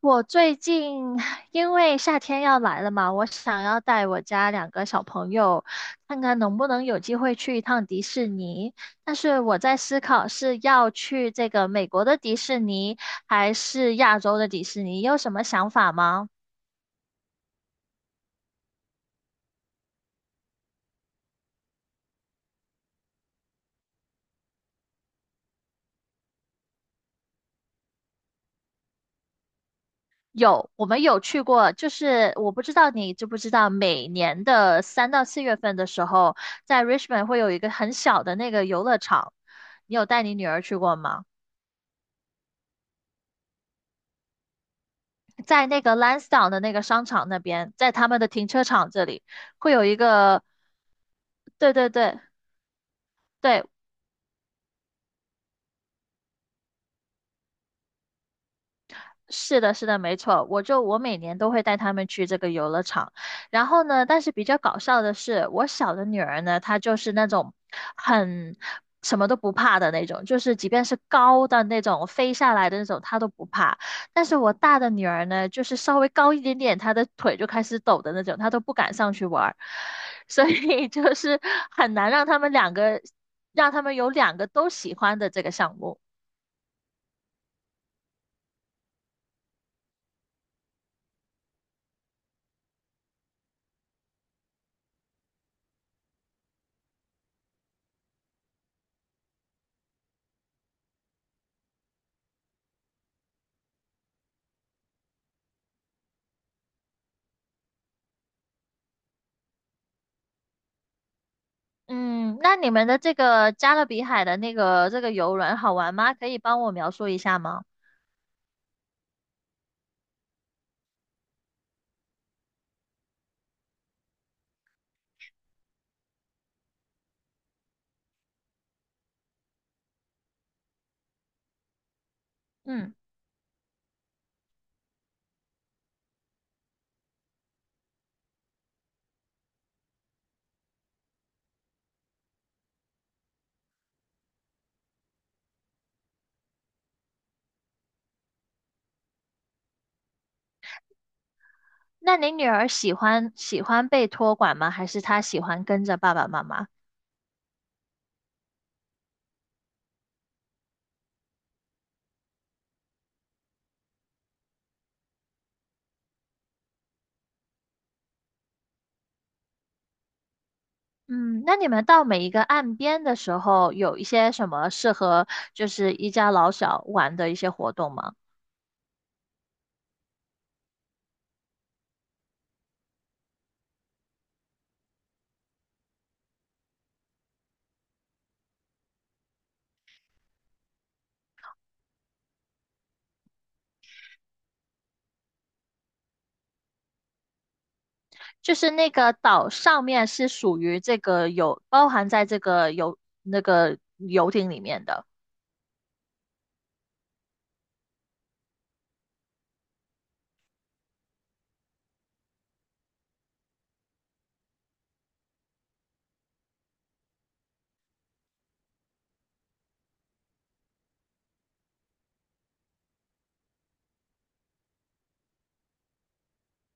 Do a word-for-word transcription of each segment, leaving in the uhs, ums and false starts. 我最近因为夏天要来了嘛，我想要带我家两个小朋友，看看能不能有机会去一趟迪士尼。但是我在思考是要去这个美国的迪士尼，还是亚洲的迪士尼，你有什么想法吗？有，我们有去过。就是我不知道你知不知道，每年的三到四月份的时候，在 Richmond 会有一个很小的那个游乐场，你有带你女儿去过吗？在那个 l a n s d o w n 的那个商场那边，在他们的停车场这里会有一个。对对对对。是的，是的，没错，我就我每年都会带他们去这个游乐场。然后呢，但是比较搞笑的是，我小的女儿呢，她就是那种很什么都不怕的那种，就是即便是高的那种飞下来的那种，她都不怕。但是我大的女儿呢，就是稍微高一点点，她的腿就开始抖的那种，她都不敢上去玩儿。 所以就是很难让他们两个，让他们有两个都喜欢的这个项目。嗯，那你们的这个加勒比海的那个这个游轮好玩吗？可以帮我描述一下吗？嗯，那你女儿喜欢喜欢被托管吗？还是她喜欢跟着爸爸妈妈？嗯，那你们到每一个岸边的时候，有一些什么适合就是一家老小玩的一些活动吗？就是那个岛上面是属于这个有包含在这个游那个游艇里面的。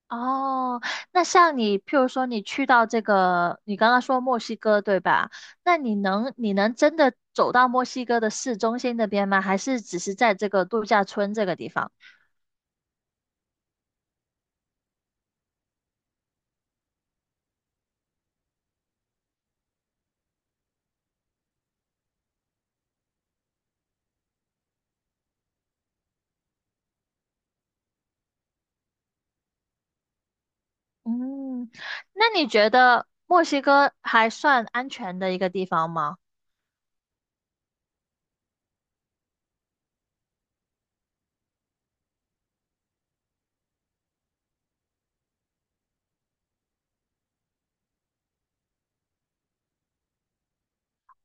哦，那像你，譬如说你去到这个，你刚刚说墨西哥对吧？那你能你能真的走到墨西哥的市中心那边吗？还是只是在这个度假村这个地方？嗯，那你觉得墨西哥还算安全的一个地方吗？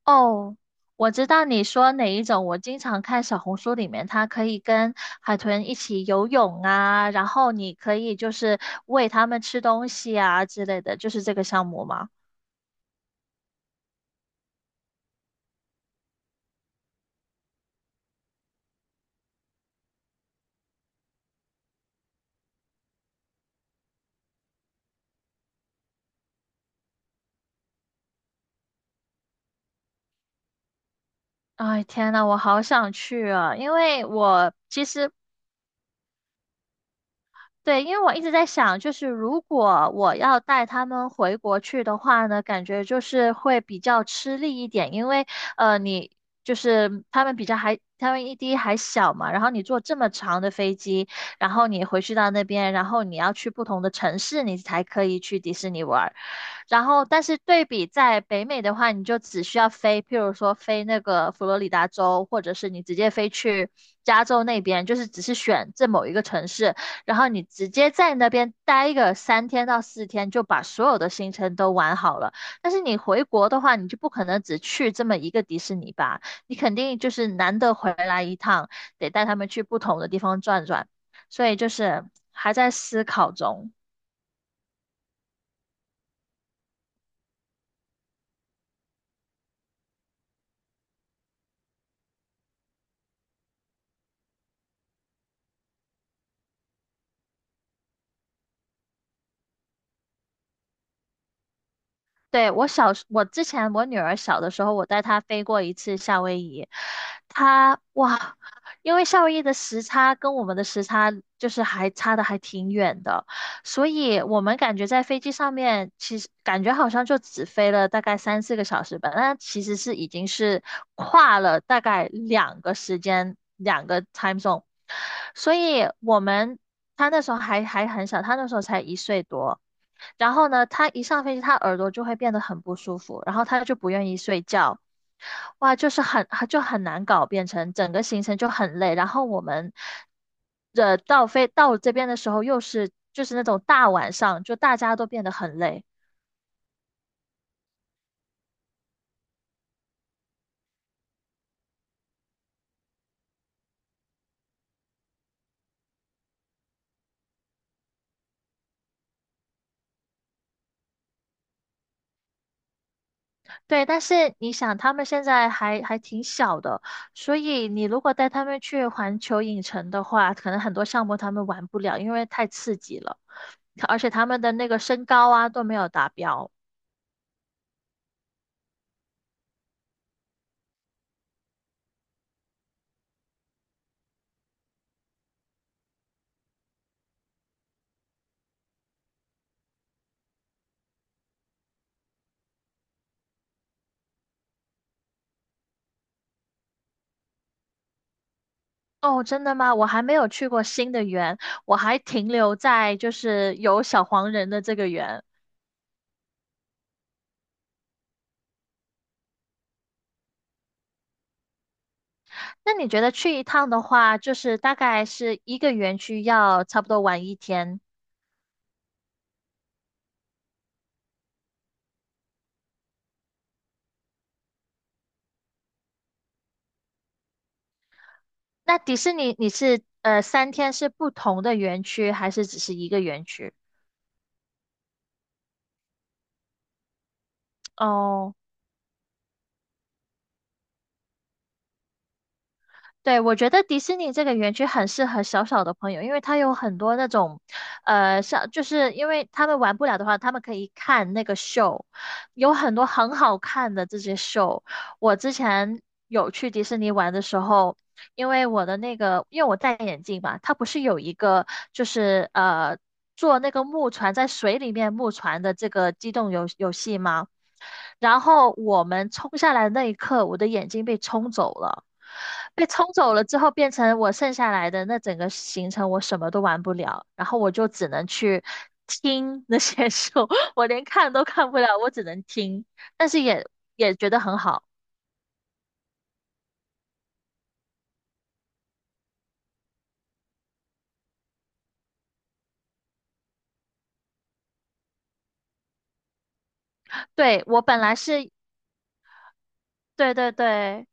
哦，我知道你说哪一种。我经常看小红书里面，它可以跟海豚一起游泳啊，然后你可以就是喂它们吃东西啊之类的，就是这个项目吗？哎，天呐，我好想去啊！因为我其实对，因为我一直在想，就是如果我要带他们回国去的话呢，感觉就是会比较吃力一点，因为呃，你就是他们比较还，他们一滴还小嘛，然后你坐这么长的飞机，然后你回去到那边，然后你要去不同的城市，你才可以去迪士尼玩儿。然后，但是对比在北美的话，你就只需要飞，譬如说飞那个佛罗里达州，或者是你直接飞去加州那边，就是只是选这某一个城市，然后你直接在那边待个三天到四天，就把所有的行程都玩好了。但是你回国的话，你就不可能只去这么一个迪士尼吧，你肯定就是难得回来一趟，得带他们去不同的地方转转。所以就是还在思考中。对，我小时，我之前我女儿小的时候，我带她飞过一次夏威夷。她哇，因为夏威夷的时差跟我们的时差就是还差的还挺远的，所以我们感觉在飞机上面，其实感觉好像就只飞了大概三四个小时吧，但其实是已经是跨了大概两个时间，两个 time zone。所以我们她那时候还还很小，她那时候才一岁多。然后呢，他一上飞机，他耳朵就会变得很不舒服，然后他就不愿意睡觉，哇，就是很就很难搞，变成整个行程就很累。然后我们呃到飞到这边的时候，又是就是那种大晚上，就大家都变得很累。对，但是你想，他们现在还还挺小的，所以你如果带他们去环球影城的话，可能很多项目他们玩不了，因为太刺激了，而且他们的那个身高啊都没有达标。哦，真的吗？我还没有去过新的园，我还停留在就是有小黄人的这个园。那你觉得去一趟的话，就是大概是一个园区要差不多玩一天？那迪士尼你是呃三天是不同的园区，还是只是一个园区？哦。对，我觉得迪士尼这个园区很适合小小的朋友，因为它有很多那种，呃，像就是因为他们玩不了的话，他们可以看那个秀，有很多很好看的这些秀。我之前有去迪士尼玩的时候，因为我的那个，因为我戴眼镜嘛，它不是有一个就是呃坐那个木船在水里面木船的这个机动游游戏吗？然后我们冲下来的那一刻，我的眼睛被冲走了。被冲走了之后，变成我剩下来的那整个行程，我什么都玩不了，然后我就只能去听那些 书，我连看都看不了，我只能听，但是也也觉得很好。对，我本来是，对对对，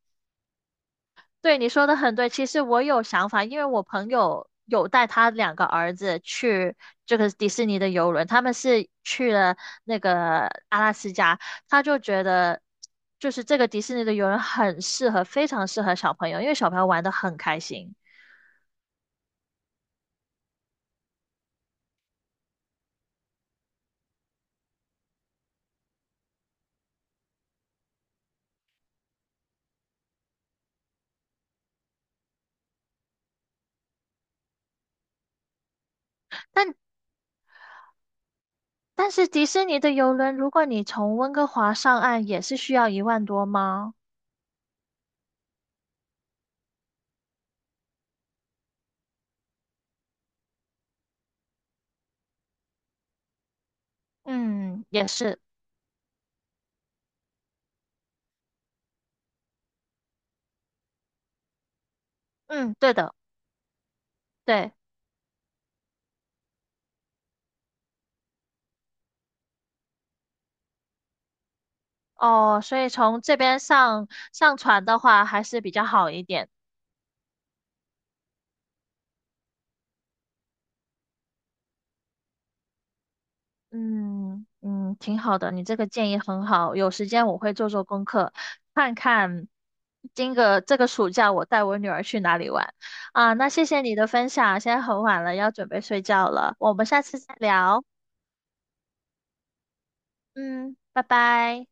对，你说的很对。其实我有想法，因为我朋友有带他两个儿子去这个迪士尼的游轮，他们是去了那个阿拉斯加，他就觉得就是这个迪士尼的游轮很适合，非常适合小朋友，因为小朋友玩的很开心。但但是迪士尼的游轮，如果你从温哥华上岸，也是需要一万多吗？嗯，也是，嗯，对的，对。哦，所以从这边上上船的话还是比较好一点。嗯嗯，挺好的，你这个建议很好。有时间我会做做功课，看看今个这个暑假我带我女儿去哪里玩啊。那谢谢你的分享，现在很晚了，要准备睡觉了，我们下次再聊。嗯，拜拜。